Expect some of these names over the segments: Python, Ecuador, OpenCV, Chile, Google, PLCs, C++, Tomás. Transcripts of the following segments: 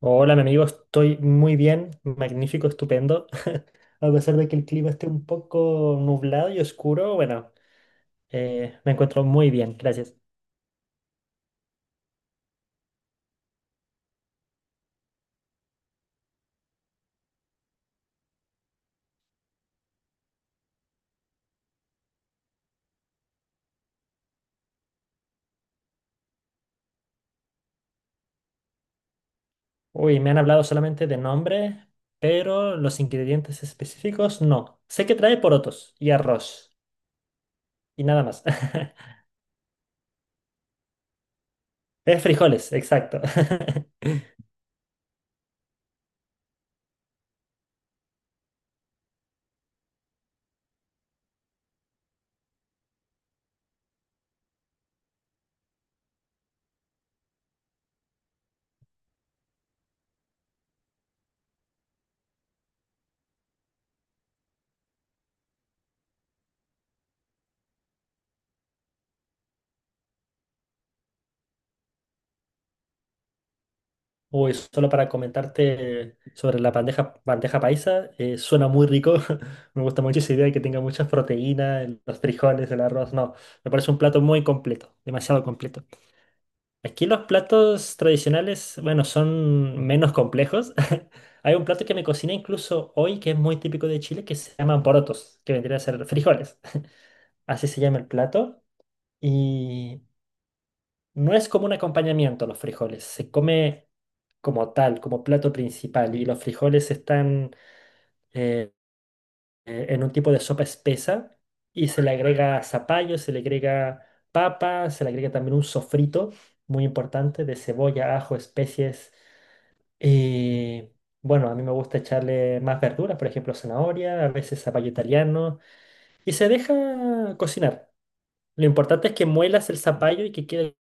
Hola, mi amigo, estoy muy bien, magnífico, estupendo. A pesar de que el clima esté un poco nublado y oscuro, bueno, me encuentro muy bien, gracias. Uy, me han hablado solamente de nombre, pero los ingredientes específicos no. Sé que trae porotos y arroz y nada más. Es frijoles, exacto. Uy, solo para comentarte sobre la bandeja paisa, suena muy rico. Me gusta mucho esa idea de que tenga muchas proteínas, los frijoles, el arroz. No, me parece un plato muy completo, demasiado completo. Aquí los platos tradicionales, bueno, son menos complejos. Hay un plato que me cociné incluso hoy que es muy típico de Chile que se llaman porotos, que vendría a ser frijoles. Así se llama el plato. Y no es como un acompañamiento los frijoles, se come como tal, como plato principal. Y los frijoles están eh, en un tipo de sopa espesa y se le agrega zapallo, se le agrega papa, se le agrega también un sofrito muy importante de cebolla, ajo, especies. Y bueno, a mí me gusta echarle más verduras, por ejemplo, zanahoria, a veces zapallo italiano, y se deja cocinar. Lo importante es que muelas el zapallo y que quede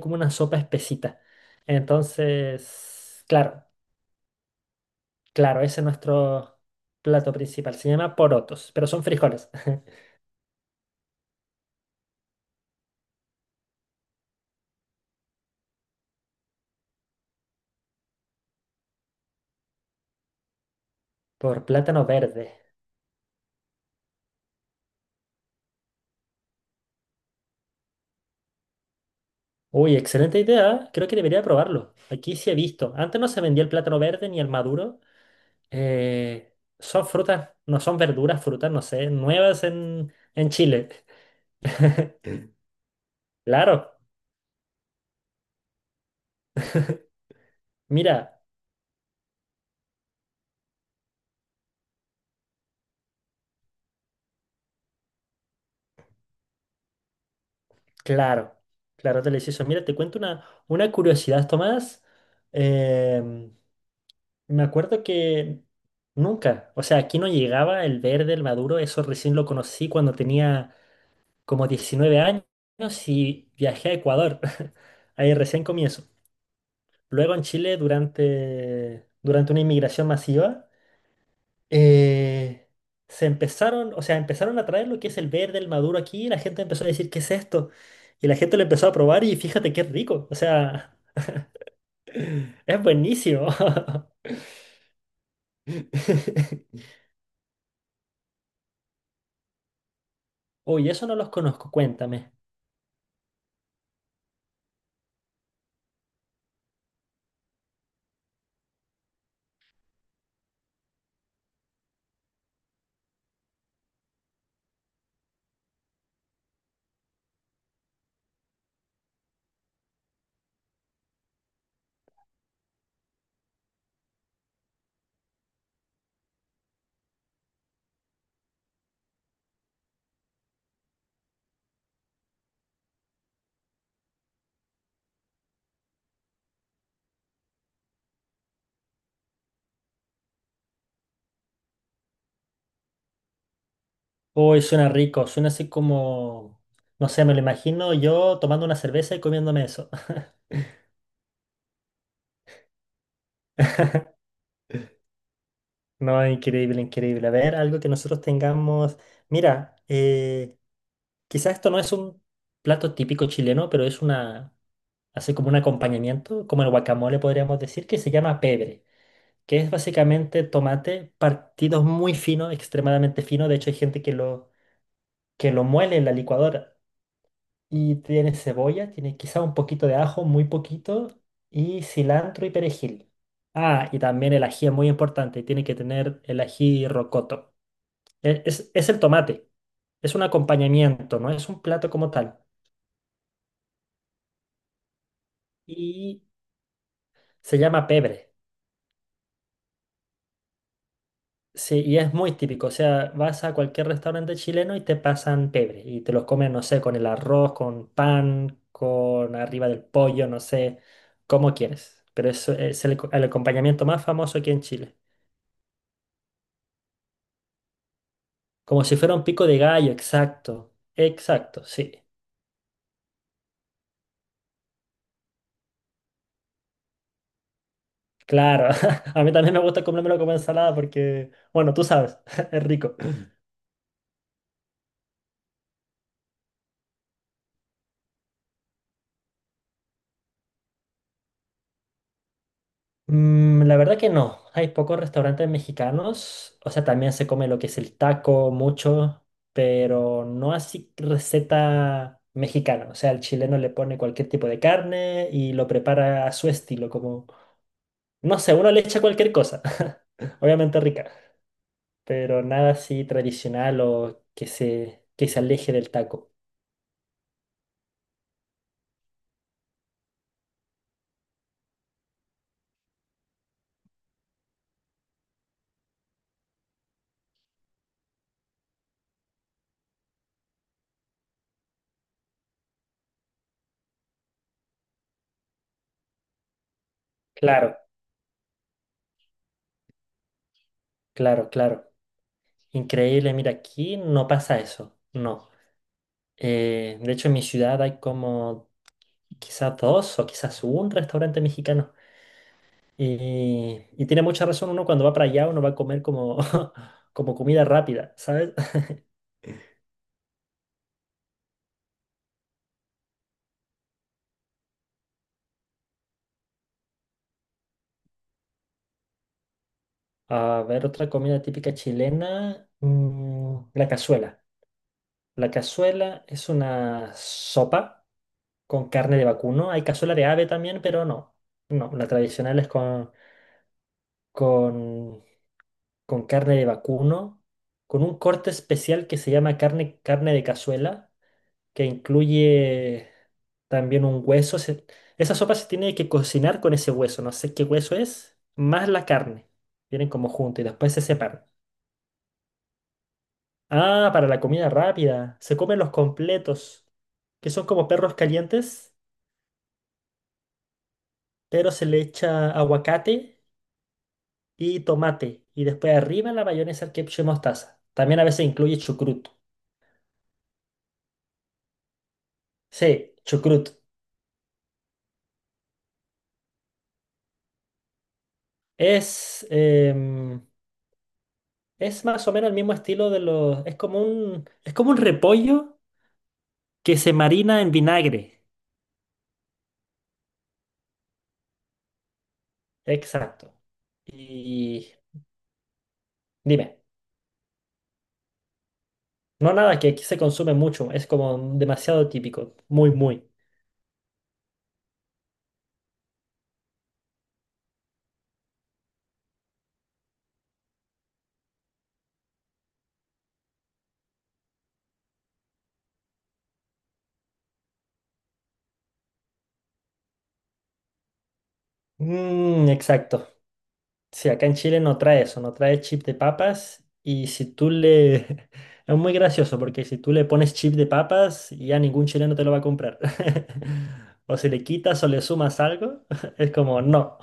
como una sopa espesita. Entonces, claro, claro, ese es nuestro plato principal. Se llama porotos, pero son frijoles. Por plátano verde. Uy, excelente idea. ¿Eh? Creo que debería probarlo. Aquí sí he visto. Antes no se vendía el plátano verde ni el maduro. Son frutas, no son verduras, frutas, no sé, nuevas en Chile. Claro, mira, claro, claro, delicioso. Mira, te cuento una curiosidad, Tomás. Em, Me acuerdo que nunca, o sea, aquí no llegaba el verde, el maduro, eso recién lo conocí cuando tenía como 19 años y viajé a Ecuador. Ahí recién comienzo. Luego en Chile, durante una inmigración masiva, eh, se empezaron, o sea, empezaron a traer lo que es el verde, el maduro aquí, y la gente empezó a decir, ¿qué es esto? Y la gente lo empezó a probar y fíjate qué rico, o sea, es buenísimo. Uy, eso no los conozco, cuéntame. Uy, suena rico, suena así como, no sé, me lo imagino yo tomando una cerveza y comiéndome eso. No, increíble, increíble. A ver, algo que nosotros tengamos. Mira, quizás esto no es un plato típico chileno, pero es una, así como un acompañamiento, como el guacamole podríamos decir, que se llama pebre, que es básicamente tomate partido muy fino, extremadamente fino. De hecho, hay gente que lo muele en la licuadora. Y tiene cebolla, tiene quizá un poquito de ajo, muy poquito, y cilantro y perejil. Ah, y también el ají es muy importante, tiene que tener el ají rocoto. Es el tomate, es un acompañamiento, no es un plato como tal. Y se llama pebre. Sí, y es muy típico, o sea, vas a cualquier restaurante chileno y te pasan pebre y te los comen, no sé, con el arroz, con pan, con arriba del pollo, no sé, como quieres. Pero eso es el acompañamiento más famoso aquí en Chile. Como si fuera un pico de gallo, exacto. Exacto, sí. Claro. A mí también me gusta comérmelo como ensalada porque, bueno, tú sabes, es rico. Mm, la verdad que no. Hay pocos restaurantes mexicanos. O sea, también se come lo que es el taco, mucho, pero no así receta mexicana. O sea, el chileno le pone cualquier tipo de carne y lo prepara a su estilo, como, no sé, uno le echa cualquier cosa. Obviamente rica. Pero nada así tradicional o que se aleje del taco. Claro, claro, claro. Increíble, mira, aquí no pasa eso, no. De hecho, en mi ciudad hay como quizás dos o quizás un restaurante mexicano. Y tiene mucha razón, uno cuando va para allá, uno va a comer como, como comida rápida, ¿sabes? A ver, otra comida típica chilena, mm, la cazuela. La cazuela es una sopa con carne de vacuno. Hay cazuela de ave también, pero no. No, la tradicional es con, con carne de vacuno, con un corte especial que se llama carne de cazuela, que incluye también un hueso. Esa sopa se tiene que cocinar con ese hueso, no sé qué hueso es, más la carne. Vienen como juntos y después se separan. Ah, para la comida rápida. Se comen los completos, que son como perros calientes, pero se le echa aguacate y tomate. Y después arriba la mayonesa, el ketchup y mostaza. También a veces incluye chucrut. Sí, chucrut. Es, es más o menos el mismo estilo de los... Es es como un repollo que se marina en vinagre. Exacto. Y dime, no, nada, que aquí se consume mucho, es como demasiado típico, muy, muy. Mm, exacto. Sí, acá en Chile no trae eso, no trae chip de papas y si tú le... Es muy gracioso porque si tú le pones chip de papas ya ningún chileno te lo va a comprar. O si le quitas o le sumas algo, es como no.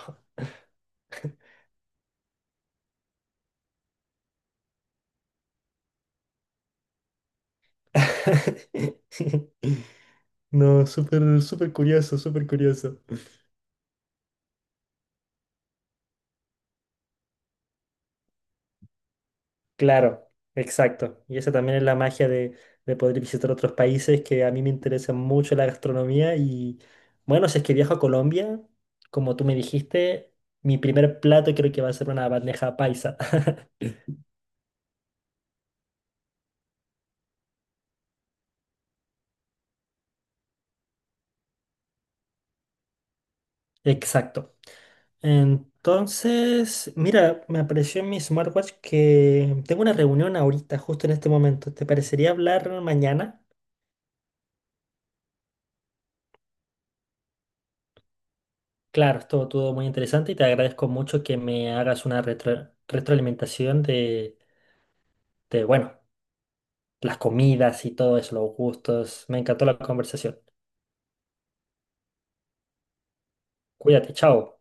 No, súper, súper curioso, súper curioso. Claro, exacto. Y esa también es la magia de poder visitar otros países, que a mí me interesa mucho la gastronomía. Y bueno, si es que viajo a Colombia, como tú me dijiste, mi primer plato creo que va a ser una bandeja paisa. Exacto. Entonces, mira, me apareció en mi smartwatch que tengo una reunión ahorita, justo en este momento. ¿Te parecería hablar mañana? Claro, estuvo todo muy interesante y te agradezco mucho que me hagas una retroalimentación de, bueno, las comidas y todo eso, los gustos. Me encantó la conversación. Cuídate, chao.